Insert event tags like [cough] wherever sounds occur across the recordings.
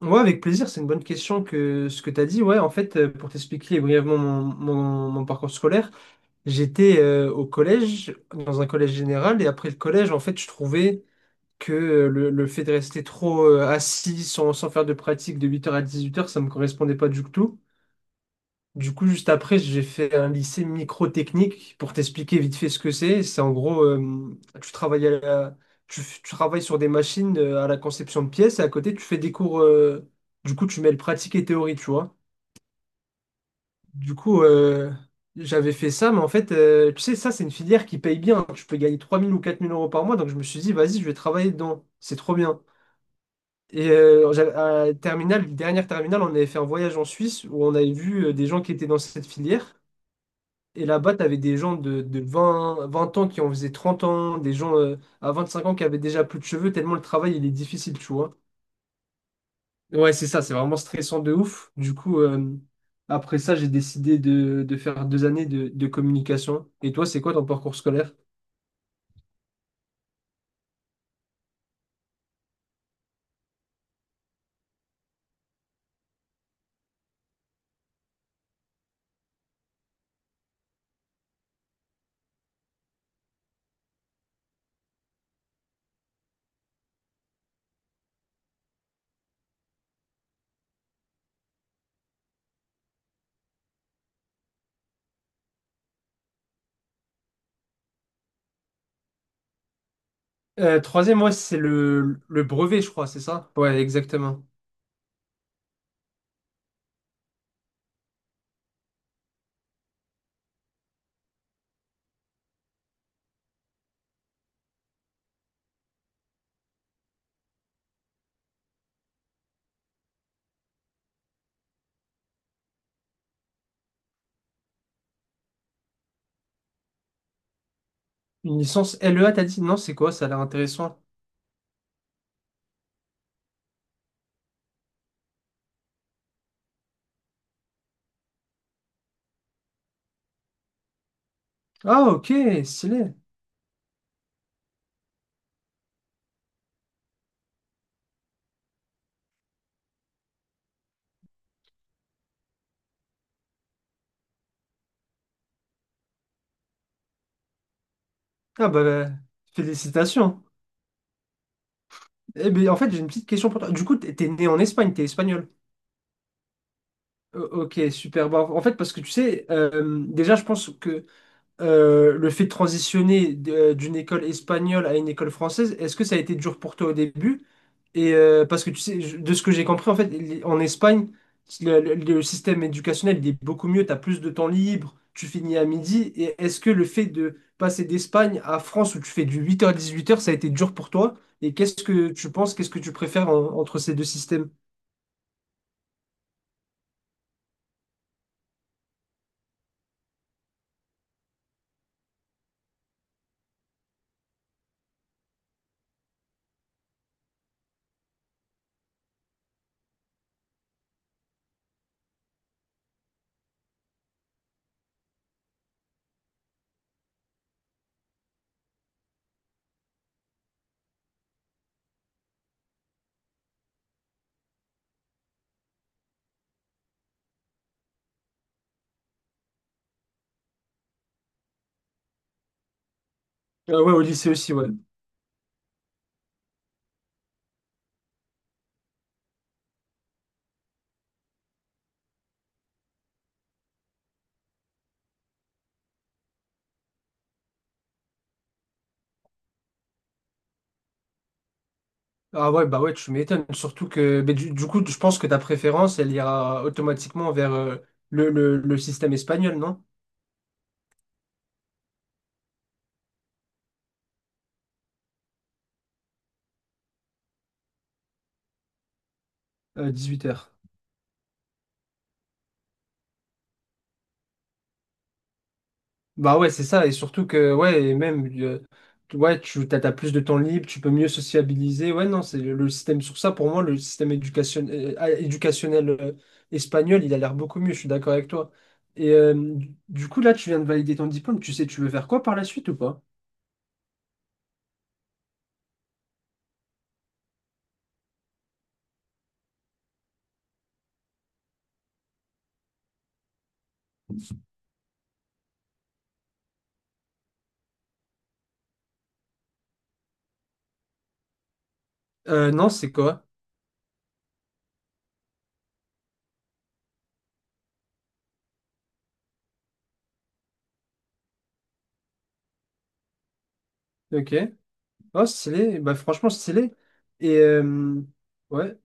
Ouais, avec plaisir, c'est une bonne question que ce que tu as dit. Ouais, en fait, pour t'expliquer brièvement mon parcours scolaire, j'étais au collège, dans un collège général, et après le collège, en fait, je trouvais que le fait de rester trop assis sans faire de pratique de 8 heures à 18 heures, ça me correspondait pas du tout. Du coup, juste après, j'ai fait un lycée microtechnique pour t'expliquer vite fait ce que c'est. C'est en gros, tu travailles à la- tu, tu travailles sur des machines à la conception de pièces et à côté, tu fais des cours. Du coup, tu mêles pratique et théorie, tu vois. Du coup, j'avais fait ça, mais en fait, tu sais, ça, c'est une filière qui paye bien. Tu peux gagner 3 000 ou 4 000 euros par mois. Donc, je me suis dit, vas-y, je vais travailler dedans. C'est trop bien. Et à terminale, dernière terminale, on avait fait un voyage en Suisse où on avait vu des gens qui étaient dans cette filière. Et là-bas, tu avais des gens de vingt ans qui en faisaient 30 ans, des gens à 5 ans qui avaient déjà plus de cheveux, tellement le travail, il est difficile, tu vois. Ouais, c'est ça, c'est vraiment stressant de ouf. Du coup, après ça, j'ai décidé de faire 2 années de communication. Et toi, c'est quoi ton parcours scolaire? Troisième, ouais, c'est le brevet, je crois, c'est ça? Ouais, exactement. Une licence LEA, t'as dit? Non, c'est quoi? Ça a l'air intéressant. Ah, ok, stylé. Ah bah, félicitations. Eh ben, en fait, j'ai une petite question pour toi. Du coup, t'es né en Espagne, t'es espagnol. Ok, super. Bah, en fait, parce que tu sais, déjà, je pense que le fait de transitionner d'une école espagnole à une école française, est-ce que ça a été dur pour toi au début? Et parce que tu sais, de ce que j'ai compris, en fait, en Espagne, le système éducationnel, il est beaucoup mieux, tu as plus de temps libre, tu finis à midi. Et est-ce que le fait de passer d'Espagne à France où tu fais du 8 heures à 18 heures, ça a été dur pour toi? Et qu'est-ce que tu penses, qu'est-ce que tu préfères entre ces deux systèmes? Ah ouais, au lycée aussi, ouais. Ah ouais, bah ouais, tu m'étonnes. Surtout que ben, du coup, je pense que ta préférence, elle ira automatiquement vers le système espagnol, non? 18 heures. Bah ouais, c'est ça, et surtout que, ouais, et même, ouais, t'as plus de temps libre, tu peux mieux sociabiliser, ouais, non, c'est le système, sur ça, pour moi, le système éducationnel espagnol, il a l'air beaucoup mieux, je suis d'accord avec toi. Et du coup, là, tu viens de valider ton diplôme, tu sais, tu veux faire quoi par la suite ou pas? Non, c'est quoi? Ok. Oh, stylé. Bah, franchement, stylé. Et ouais.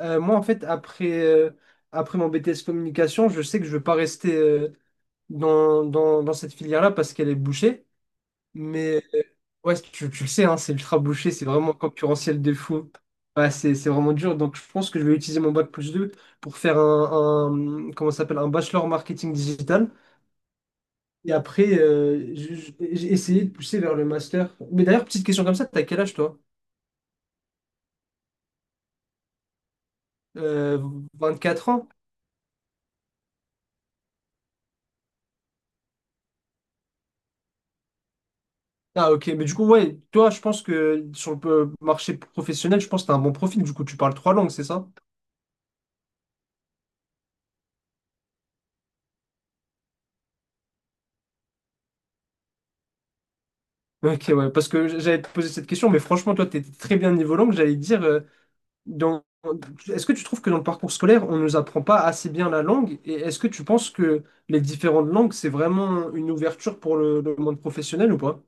Moi, en fait, après, après mon BTS communication, je sais que je ne veux pas rester dans cette filière-là parce qu'elle est bouchée. Mais ouais, tu le sais, hein, c'est ultra bouché, c'est vraiment concurrentiel de fou. Ouais, c'est vraiment dur. Donc, je pense que je vais utiliser mon bac+2 pour faire comment ça s'appelle, un bachelor marketing digital. Et après, j'ai essayé de pousser vers le master. Mais d'ailleurs, petite question comme ça, t'as quel âge toi? Euh, 4 ans? Ah ok, mais du coup, ouais, toi, je pense que sur le marché professionnel, je pense que t'as un bon profil, du coup, tu parles trois langues, c'est ça? [laughs] Ok, ouais, parce que j'allais te poser cette question, mais franchement, toi, t'es très bien niveau langue, j'allais te dire, dans... est-ce que tu trouves que dans le parcours scolaire, on ne nous apprend pas assez bien la langue, et est-ce que tu penses que les différentes langues, c'est vraiment une ouverture pour le monde professionnel ou pas?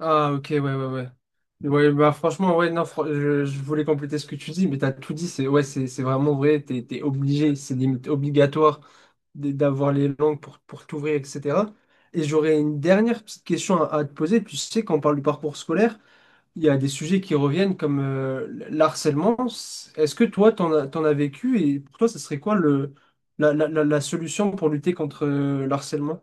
Ah ok, ouais, ouais, ouais. Ouais, bah franchement, ouais, non, je voulais compléter ce que tu dis, mais t'as tout dit, c'est ouais, c'est vraiment vrai, t'es obligé, c'est limite obligatoire. D'avoir les langues pour t'ouvrir, etc. Et j'aurais une dernière petite question à te poser. Puis je sais quand on parle du parcours scolaire, il y a des sujets qui reviennent comme l'harcèlement. Est-ce que toi, t'en as vécu et pour toi, ça serait quoi le, la- la solution pour lutter contre l'harcèlement?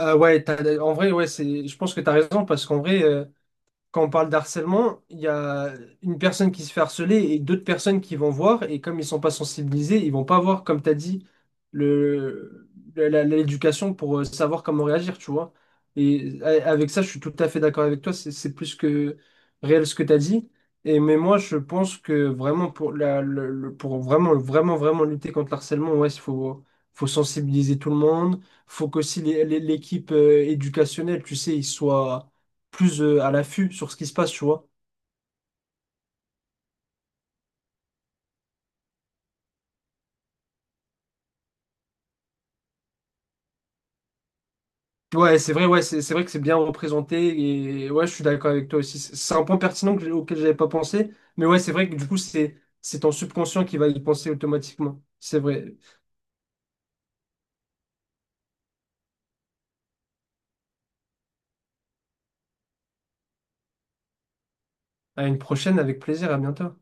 Ouais, en vrai, ouais, je pense que tu as raison parce qu'en vrai, quand on parle d'harcèlement, il y a une personne qui se fait harceler et d'autres personnes qui vont voir, et comme ils sont pas sensibilisés, ils vont pas voir, comme tu as dit, le, l'éducation pour savoir comment réagir, tu vois. Et avec ça, je suis tout à fait d'accord avec toi, c'est plus que réel ce que tu as dit. Et mais moi, je pense que vraiment pour vraiment vraiment vraiment lutter contre l'harcèlement, ouais, il faut sensibiliser tout le monde, faut qu'aussi l'équipe éducationnelle, tu sais, ils soient plus à l'affût sur ce qui se passe, tu vois. Ouais, c'est vrai, ouais, c'est vrai que c'est bien représenté et ouais, je suis d'accord avec toi aussi. C'est un point pertinent que auquel j'avais pas pensé, mais ouais, c'est vrai que du coup, c'est ton subconscient qui va y penser automatiquement. C'est vrai. À une prochaine, avec plaisir, à bientôt.